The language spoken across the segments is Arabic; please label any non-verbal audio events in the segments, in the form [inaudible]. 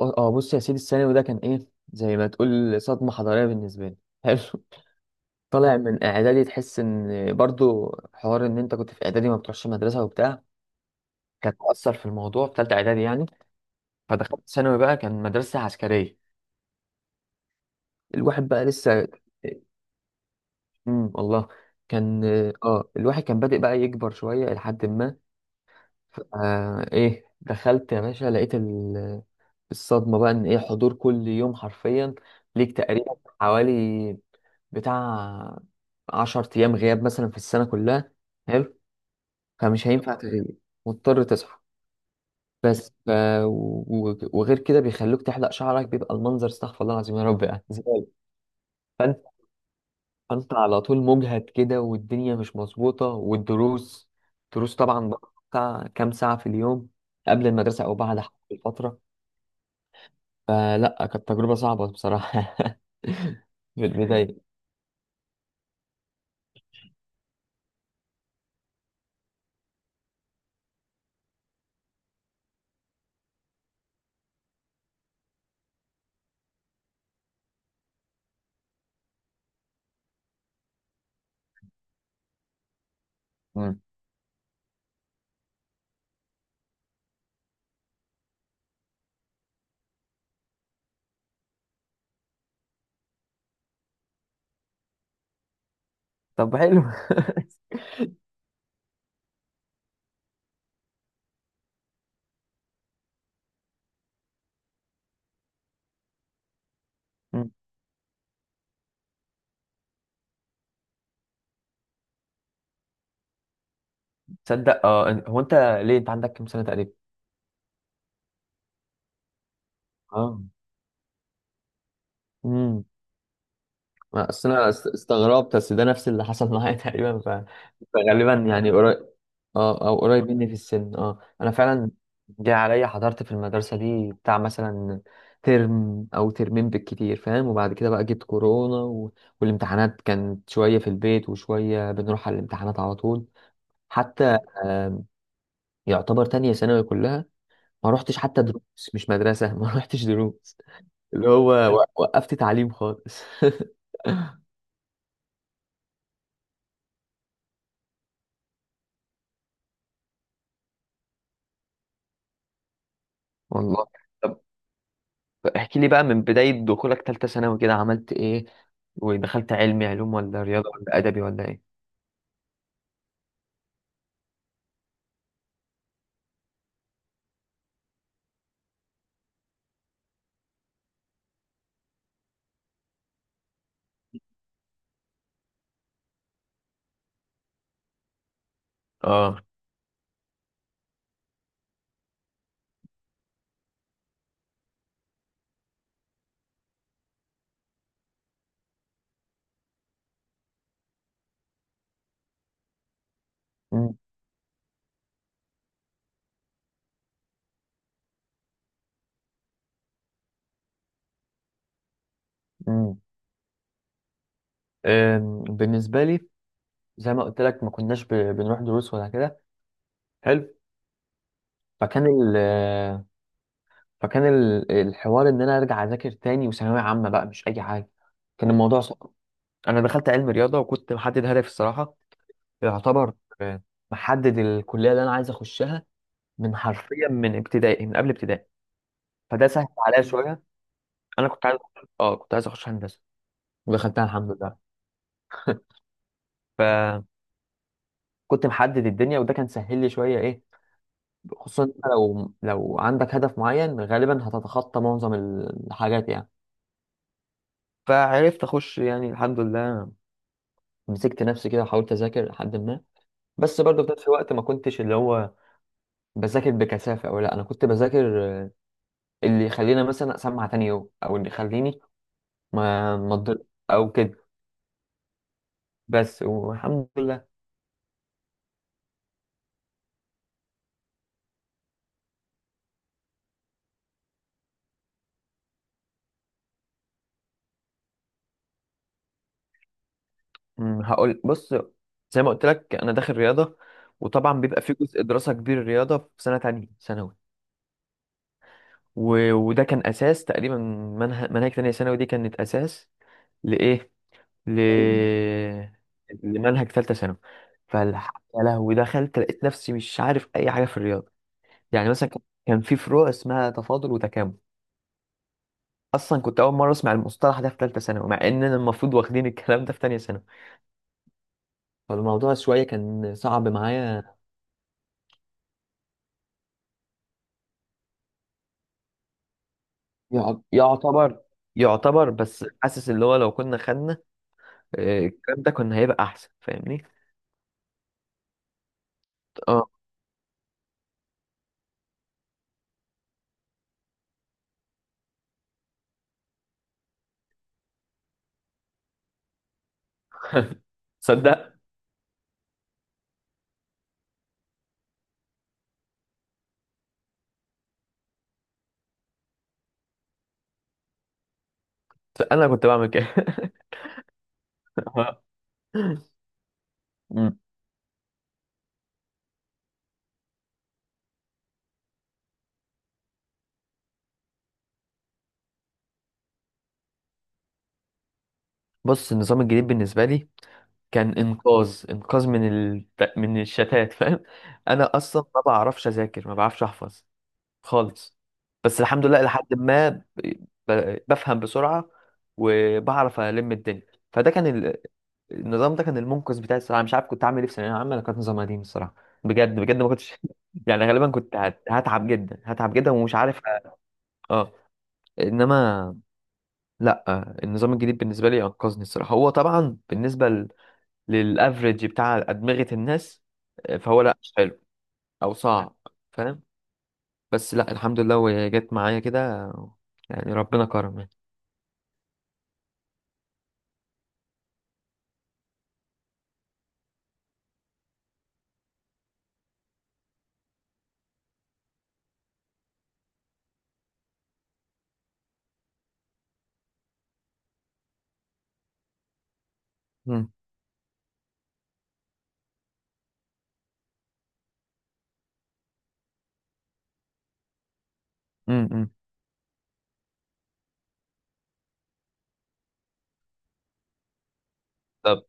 بص يا سيدي الثانوي ده كان ايه زي ما تقول صدمة حضارية بالنسبة لي. حلو. [laughs] طالع من اعدادي تحس ان برضو حوار ان انت كنت في اعدادي ما بتروحش مدرسة وبتاع، كانت مؤثر في الموضوع في تالتة اعدادي يعني. فدخلت ثانوي بقى، كان مدرسة عسكرية. الواحد بقى لسه، إيه، والله كان، اه الواحد كان بادئ بقى يكبر شوية لحد ما ف- آه ايه دخلت يا باشا لقيت الصدمة بقى ان ايه، حضور كل يوم حرفيا ليك، تقريبا حوالي بتاع عشر أيام غياب مثلا في السنة كلها. حلو. فمش هينفع تغيب، مضطر تصحى. بس ف... وغير كده بيخلوك تحلق شعرك، بيبقى المنظر استغفر الله العظيم يا رب يعني زبالة. فانت، فانت على طول مجهد كده والدنيا مش مظبوطة، والدروس دروس طبعا بقى بتاع كام ساعة في اليوم، قبل المدرسة أو بعد حسب الفترة. فلا كانت تجربة صعبة بصراحة [laughs] في البداية. مم. طب حلو. [laughs] تصدق اه هو انت، ليه انت عندك كام سنه تقريبا؟ اه. امم. اصل انا استغربت بس ده نفس اللي حصل معايا [laughs] تقريبا. فغالبا يعني قريب، اه او قريب مني في السن اه انا فعلا. جه عليا حضرت في المدرسه دي بتاع مثلا ترم او ترمين بالكتير فاهم، وبعد كده بقى جت كورونا والامتحانات كانت شويه في البيت وشويه بنروح على الامتحانات على طول. حتى آم، يعتبر تانية ثانوي كلها ما روحتش حتى دروس، مش مدرسه [laughs] ما روحتش دروس اللي هو وقفت تعليم خالص. [laughs] والله. طب احكي لي بقى من بداية دخولك تالتة ثانوي كده عملت ايه، ودخلت علمي علوم ولا رياضة ولا أدبي ولا ايه؟ اه. مم. مم. أم، بالنسبة لي زي ما قلت لك ما كناش بنروح دروس ولا كده. حلو. فكان ال فكان الحوار ان انا ارجع اذاكر تاني، وثانوية عامة بقى مش اي حاجة، كان الموضوع صعب. انا دخلت علم رياضة وكنت محدد هدف الصراحة، يعتبر آه، محدد الكلية اللي انا عايز اخشها من حرفيا من ابتدائي من قبل ابتدائي. فده سهل عليا شويه. انا كنت عايز، اه كنت عايز اخش هندسه ودخلتها الحمد لله. فكنت محدد الدنيا وده كان سهل لي شويه ايه، خصوصا إنت لو لو عندك هدف معين غالبا هتتخطى معظم الحاجات يعني. فعرفت اخش يعني الحمد لله. مسكت نفسي كده وحاولت اذاكر لحد ما. بس برضه في نفس الوقت ما كنتش اللي هو بذاكر بكثافه او لا، انا كنت بذاكر آه، اللي يخليني مثلا اسمع تاني يوم او اللي يخليني ما ما أتضر- او كده. بس والحمد لله. أمم، هقول بص، زي ما قلت لك انا داخل رياضه، وطبعا بيبقى في جزء دراسه كبير رياضه في سنه تانية ثانوي. وده كان اساس تقريبا منهج، منهج تانية ثانوي دي كانت اساس لايه، ل لمنهج ثالثه ثانوي. فالح يا لهوي دخلت لقيت نفسي مش عارف اي حاجه في الرياضه. يعني مثلا كان في فروع اسمها تفاضل وتكامل، اصلا كنت اول مره اسمع المصطلح ده في ثالثه ثانوي، مع اننا المفروض واخدين الكلام ده في تانية ثانوي. فالموضوع شويه كان صعب معايا. يعتبر، يعتبر بس حاسس اللي هو لو كنا خدنا آه، الكلام ده كنا هيبقى احسن فاهمني. اه. [laughs] صدق، انا كنت بعمل كده. [laughs] آه. مم. بص النظام الجديد بالنسبه لي كان انقاذ، انقاذ من الشتات فاهم. انا اصلا ما بعرفش اذاكر، ما بعرفش احفظ خالص. بس الحمد لله لحد ما بفهم بسرعة وبعرف ألم الدنيا. فده كان ال... النظام ده كان المنقذ بتاعي الصراحة. مش عارف كنت عامل ايه في ثانوية عامة انا، كانت نظام قديم الصراحة. بجد بجد ما كنتش [laughs] يعني غالبا كنت هتعب جدا، هتعب جدا ومش عارف اه. انما لا، النظام الجديد بالنسبة لي انقذني الصراحة، هو طبعا بالنسبة للافريج بتاع أدمغة الناس آه، فهو لا مش حلو او صعب فاهم. بس لا الحمد لله وهي جت معايا كده، يعني ربنا كرم يعني. مم. مم. مم. طب،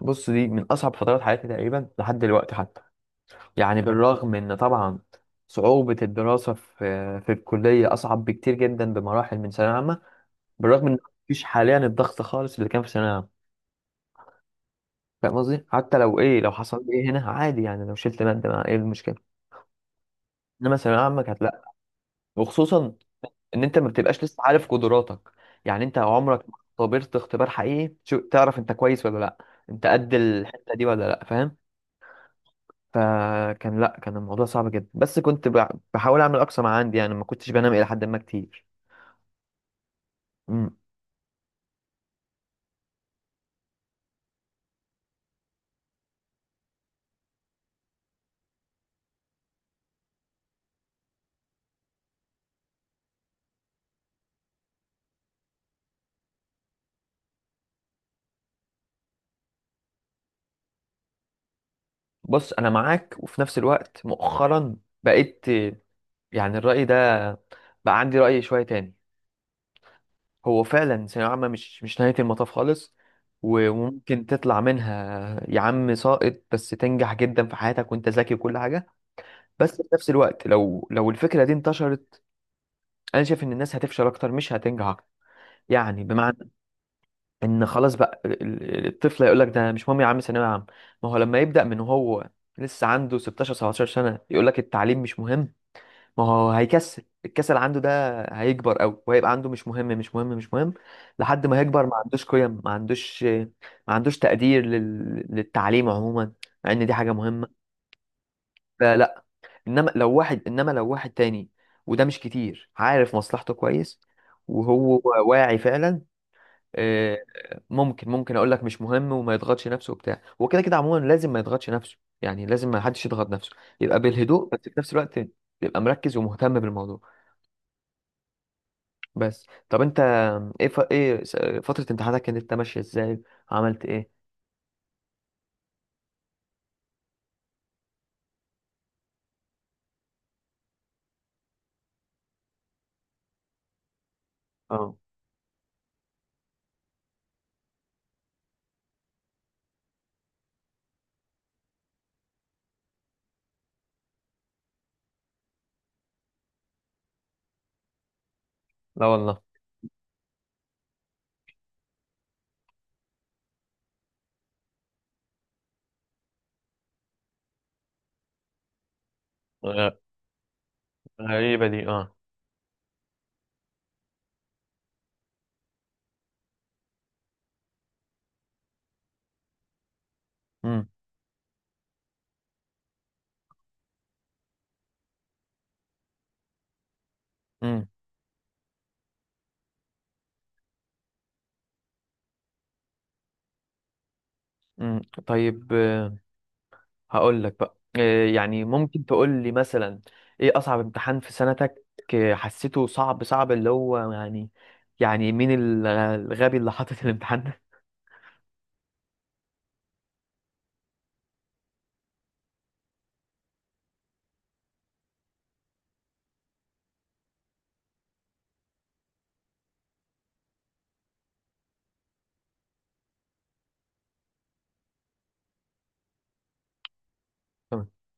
بص دي من أصعب فترات حياتي تقريبا لحد دلوقتي حتى، يعني بالرغم إن طبعا صعوبة الدراسة في في الكلية أصعب بكتير جدا بمراحل من ثانوية عامة، بالرغم إن مفيش حاليا الضغط خالص اللي كان في ثانوية عامة. فاهم قصدي؟ حتى لو إيه لو حصل لي إيه هنا عادي يعني، لو شلت مادة ما إيه المشكلة. إنما ثانوية عامة كانت لأ، وخصوصا ان انت ما بتبقاش لسه عارف قدراتك. يعني انت عمرك ما اختبرت اختبار حقيقي تعرف انت كويس ولا لا، انت قد الحتة دي ولا لا فاهم. فكان لا كان الموضوع صعب جدا، بس كنت بحاول اعمل اقصى ما عندي يعني، ما كنتش بنام الى حد ما كتير. مم. بص انا معاك، وفي نفس الوقت مؤخرا بقيت، يعني الرأي ده بقى عندي رأي شوية تاني. هو فعلا ثانوية عامة مش مش نهاية المطاف خالص، وممكن تطلع منها يا عم ساقط بس تنجح جدا في حياتك وانت ذكي وكل حاجة. بس في نفس الوقت لو لو الفكره دي انتشرت، انا شايف ان الناس هتفشل اكتر مش هتنجح أكتر. يعني بمعنى ان خلاص بقى الطفل هيقول لك ده مش مهم يا عم ثانويه عامه. ما هو لما يبدا من هو لسه عنده 16 17 سنه يقول لك التعليم مش مهم، ما هو هيكسل، الكسل عنده ده هيكبر قوي وهيبقى عنده مش مهم مش مهم مش مهم، لحد ما هيكبر ما عندوش قيم، ما عندوش، ما عندوش تقدير للتعليم عموما، مع ان دي حاجه مهمه. فلا، انما لو واحد تاني، وده مش كتير، عارف مصلحته كويس وهو واعي فعلا، آه، ممكن ممكن اقول لك مش مهم وما يضغطش نفسه وبتاع. هو كده كده عموما لازم ما يضغطش نفسه، يعني لازم ما حدش يضغط نفسه، يبقى بالهدوء بس في نفس الوقت يبقى مركز ومهتم بالموضوع. بس طب انت ايه ايه فترة امتحاناتك كانت ماشية ازاي، عملت ايه؟ اه. لا والله. غ- غريبة دي اه. امم. امم. امم. طيب هقول لك بقى إيه، يعني ممكن تقول لي مثلا ايه اصعب امتحان في سنتك، إيه حسيته صعب صعب اللي هو يعني، يعني مين الغبي اللي حاطط الامتحان ده. [laughs]